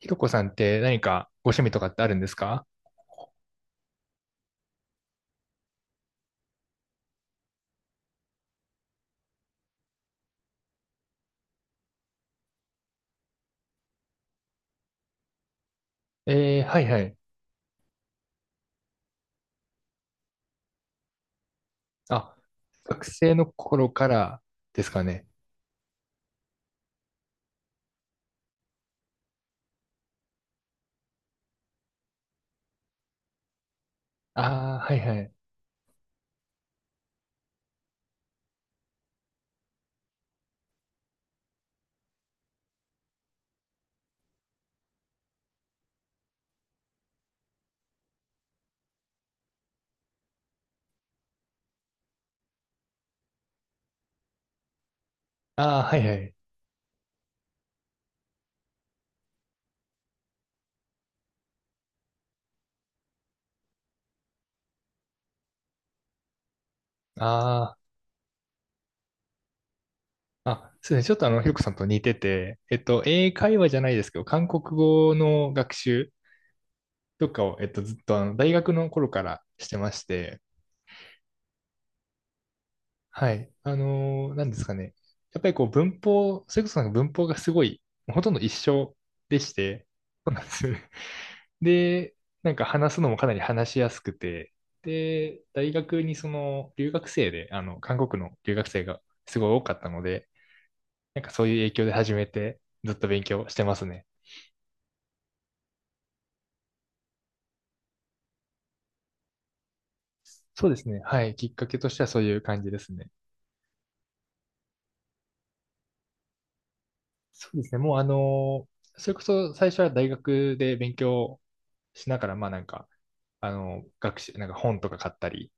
ひろこさんって何かご趣味とかってあるんですか？はいはい。あ、学生の頃からですかね。ああ、はいはい。ああ、はいはい。ああ、あ、そうですね。ちょっとひろこさんと似てて、英会話じゃないですけど、韓国語の学習とかを、ずっと大学の頃からしてまして、はい。なんですかね。やっぱりこう文法、それこそなんか文法がすごい、ほとんど一緒でして、そうなんですよね。で、なんか話すのもかなり話しやすくて、で、大学にその留学生で、韓国の留学生がすごい多かったので、なんかそういう影響で始めて、ずっと勉強してますね。そうですね。はい。きっかけとしてはそういう感じですね。そうですね。もうそれこそ最初は大学で勉強しながら、まあなんか、学習、なんか本とか買ったり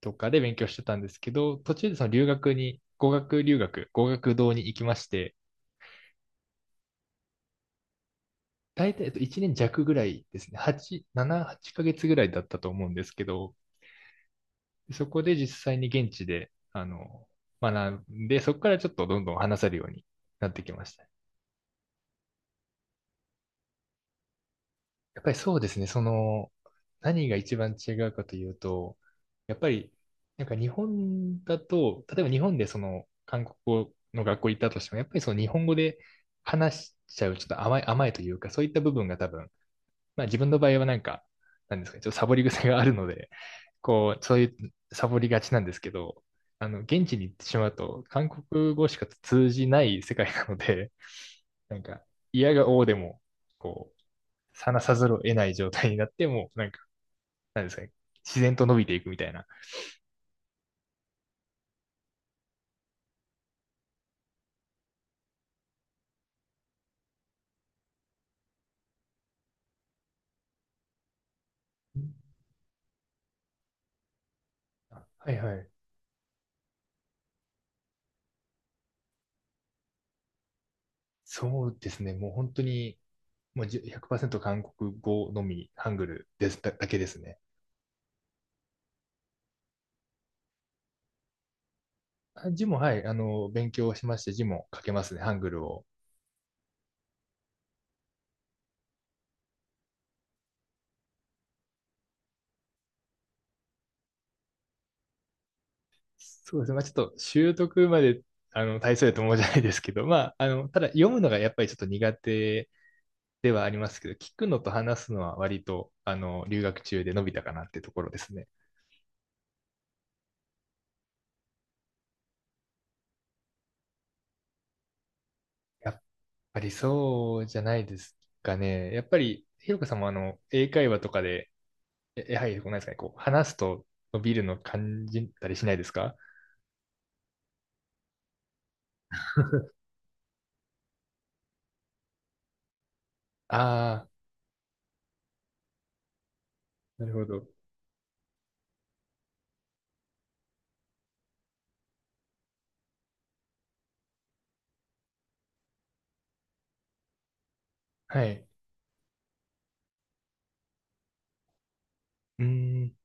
とかで勉強してたんですけど、途中でその留学に、語学留学、語学堂に行きまして、大体1年弱ぐらいですね。8、7、8ヶ月ぐらいだったと思うんですけど、そこで実際に現地で、学んで、そこからちょっとどんどん話せるようになってきました。やっぱりそうですね。何が一番違うかというと、やっぱり、なんか日本だと、例えば日本でその韓国語の学校行ったとしても、やっぱりその日本語で話しちゃう、ちょっと甘い、甘いというか、そういった部分が多分、まあ自分の場合はなんか、なんですかね、ちょっとサボり癖があるので、こう、そういうサボりがちなんですけど、現地に行ってしまうと、韓国語しか通じない世界なので、なんか、嫌が応でも、こう、話さざるを得ない状態になって、もうなんか、なんですかね、自然と伸びていくみたいな。はいはい。そうですね。もう本当に、もう100%韓国語のみ、ハングルですだ、だけですね。あ、字も、はい、勉強しまして、字も書けますね、ハングルを。そうですね。まあ、ちょっと習得まで、大層やと思うじゃないですけど、まあ、ただ読むのがやっぱりちょっと苦手ではありますけど、聞くのと話すのは割と、留学中で伸びたかなってところですね。やっぱりそうじゃないですかね。やっぱり、ひろこさんも英会話とかで、やはり、こうなんですかね、こう、話すと伸びるの感じたりしないですか？ああー、なるほど。はい。うーん。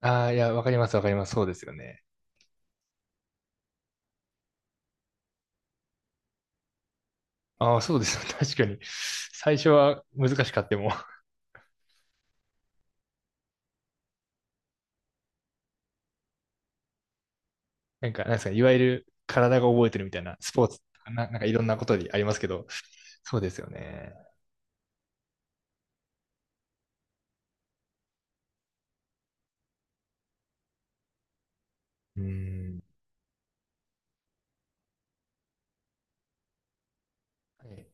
ああ、いや、わかります、わかります。そうですよね。ああ、そうですよ。確かに。最初は難しかっても、なんか、なんですかね、いわゆる体が覚えてるみたいな、スポーツとかな、なんかいろんなことにありますけど、そうですよね。うーん。はい、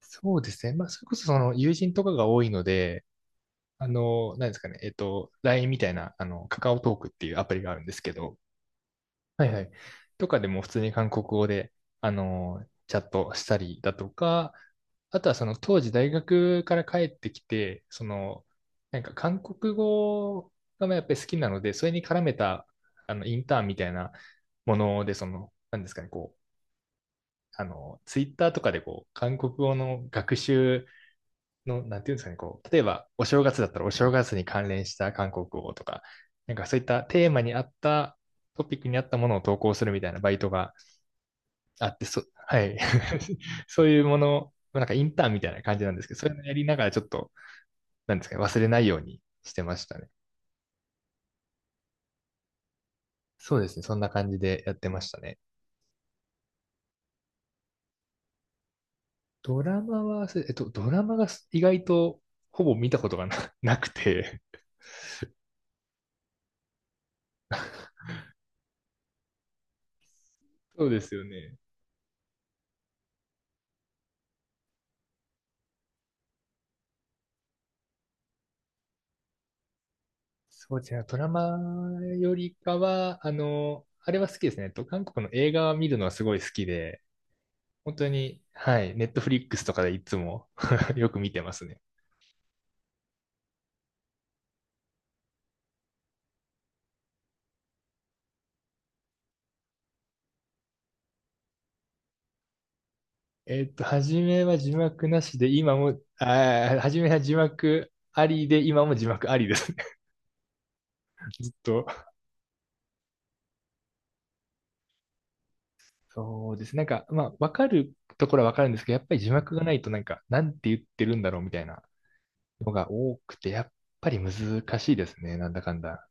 そうですね。まあ、それこそその友人とかが多いので、何ですかね、LINE みたいな、カカオトークっていうアプリがあるんですけど、はいはい。とかでも普通に韓国語で、チャットしたりだとか、あとはその当時大学から帰ってきて、なんか韓国語がやっぱり好きなので、それに絡めた、インターンみたいなもので、何ですかね、こう、ツイッターとかでこう、韓国語の学習の、なんていうんですかね、こう、例えばお正月だったらお正月に関連した韓国語とか、なんかそういったテーマに合ったトピックに合ったものを投稿するみたいなバイトがあって、はい。そういうもの、なんかインターンみたいな感じなんですけど、それをやりながらちょっと、なんですかね、忘れないようにしてましたね。そうですね、そんな感じでやってましたね。ドラマは、ドラマが意外とほぼ見たことがなくて、そうですよね。そうですね。ドラマよりかは、あれは好きですね。韓国の映画を見るのはすごい好きで、本当に、はい、ネットフリックスとかでいつも よく見てますね。初めは字幕なしで、今も、初めは字幕ありで、今も字幕ありですね。ずっと。そうです。なんか、まあ、わかるところはわかるんですけど、やっぱり字幕がないと、なんか、なんて言ってるんだろうみたいなのが多くて、やっぱり難しいですね。なんだかんだ。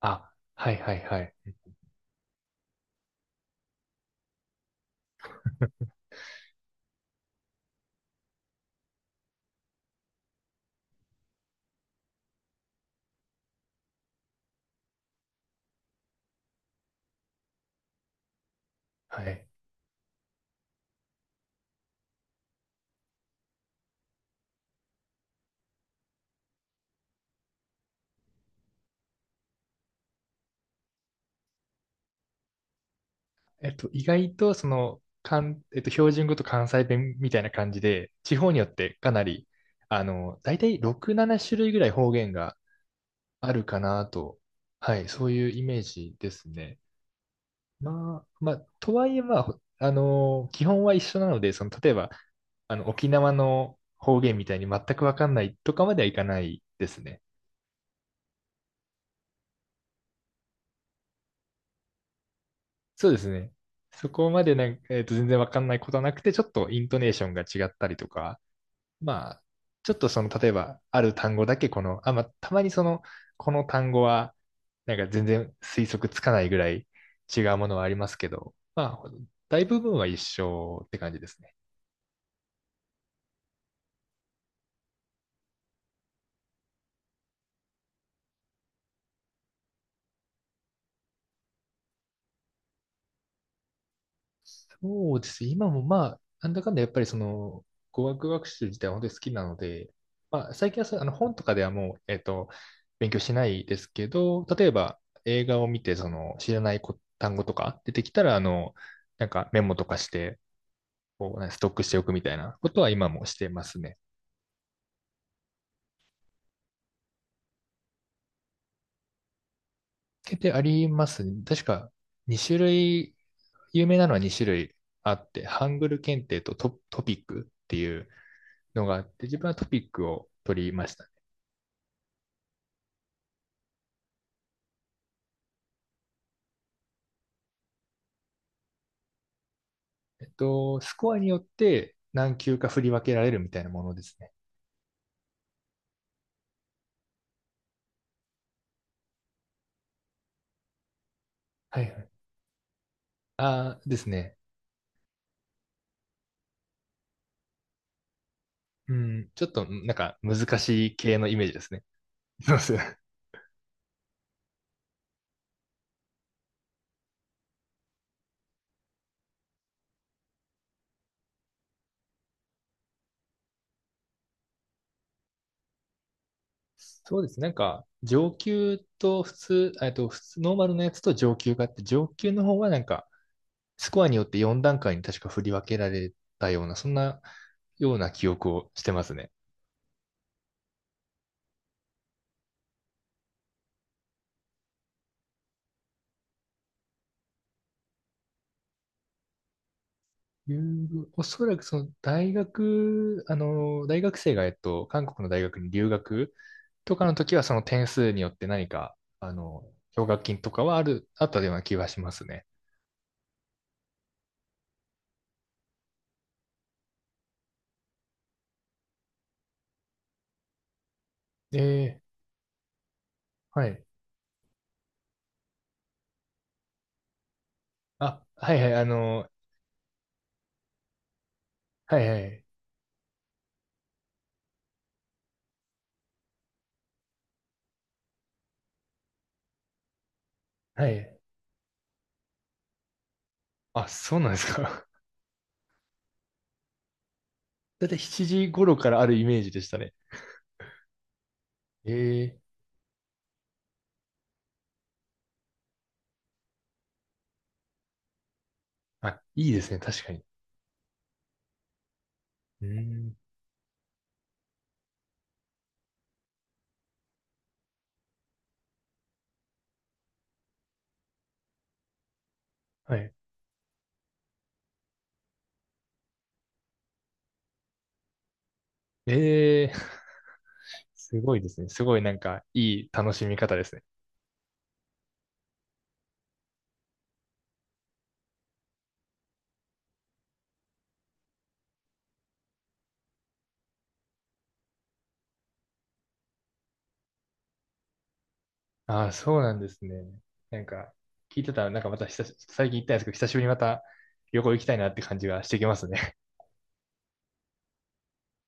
あ、はいはいはい。はい。意外とその、かんえっと、標準語と関西弁みたいな感じで、地方によってかなり、大体6、7種類ぐらい方言があるかなと、はい、そういうイメージですね。まあ、まあ、とはいえ、まあ、ほあの、基本は一緒なので、その、例えば、沖縄の方言みたいに全くわかんないとかまではいかないですね。そうですね。そこまでなんか、全然わかんないことはなくて、ちょっとイントネーションが違ったりとか、まあ、ちょっとその、例えば、ある単語だけこの、あ、まあ、たまにその、この単語は、なんか全然推測つかないぐらい違うものはありますけど、まあ、大部分は一緒って感じですね。そうですね。今もまあ、なんだかんだやっぱりその、語学学習自体は本当に好きなので、まあ、最近はそう本とかではもう、勉強しないですけど、例えば映画を見て、その、知らない単語とか出てきたら、なんかメモとかして、こうね、ストックしておくみたいなことは今もしてますね。決定あります。確か2種類、有名なのは2種類あって、ハングル検定とトピックっていうのがあって、自分はトピックを取りました。スコアによって何級か振り分けられるみたいなものですね。はいはい。あーですね。うん、ちょっとなんか難しい系のイメージですね。そうですね。そうです。なんか、上級と普通、えっと、普通、ノーマルのやつと上級があって、上級の方はなんか、スコアによって4段階に確か振り分けられたような、そんなような記憶をしてますね。留おそらくその大学生が、韓国の大学に留学とかの時は、その点数によって何か、あの、奨学金とかはあったような気がしますね。ええ、はい。あ、はいはい、はいはい、はい。あ、そうなんですか？だいたい7時頃からあるイメージでしたね。ええ、あ、いいですね、確かに。うーん。はい。ええ すごいですね。すごいなんか、いい楽しみ方ですね。ああ、そうなんですね。なんか、聞いてたら、なんかまた最近行ったんですけど、久しぶりにまた旅行行きたいなって感じがしてきますね。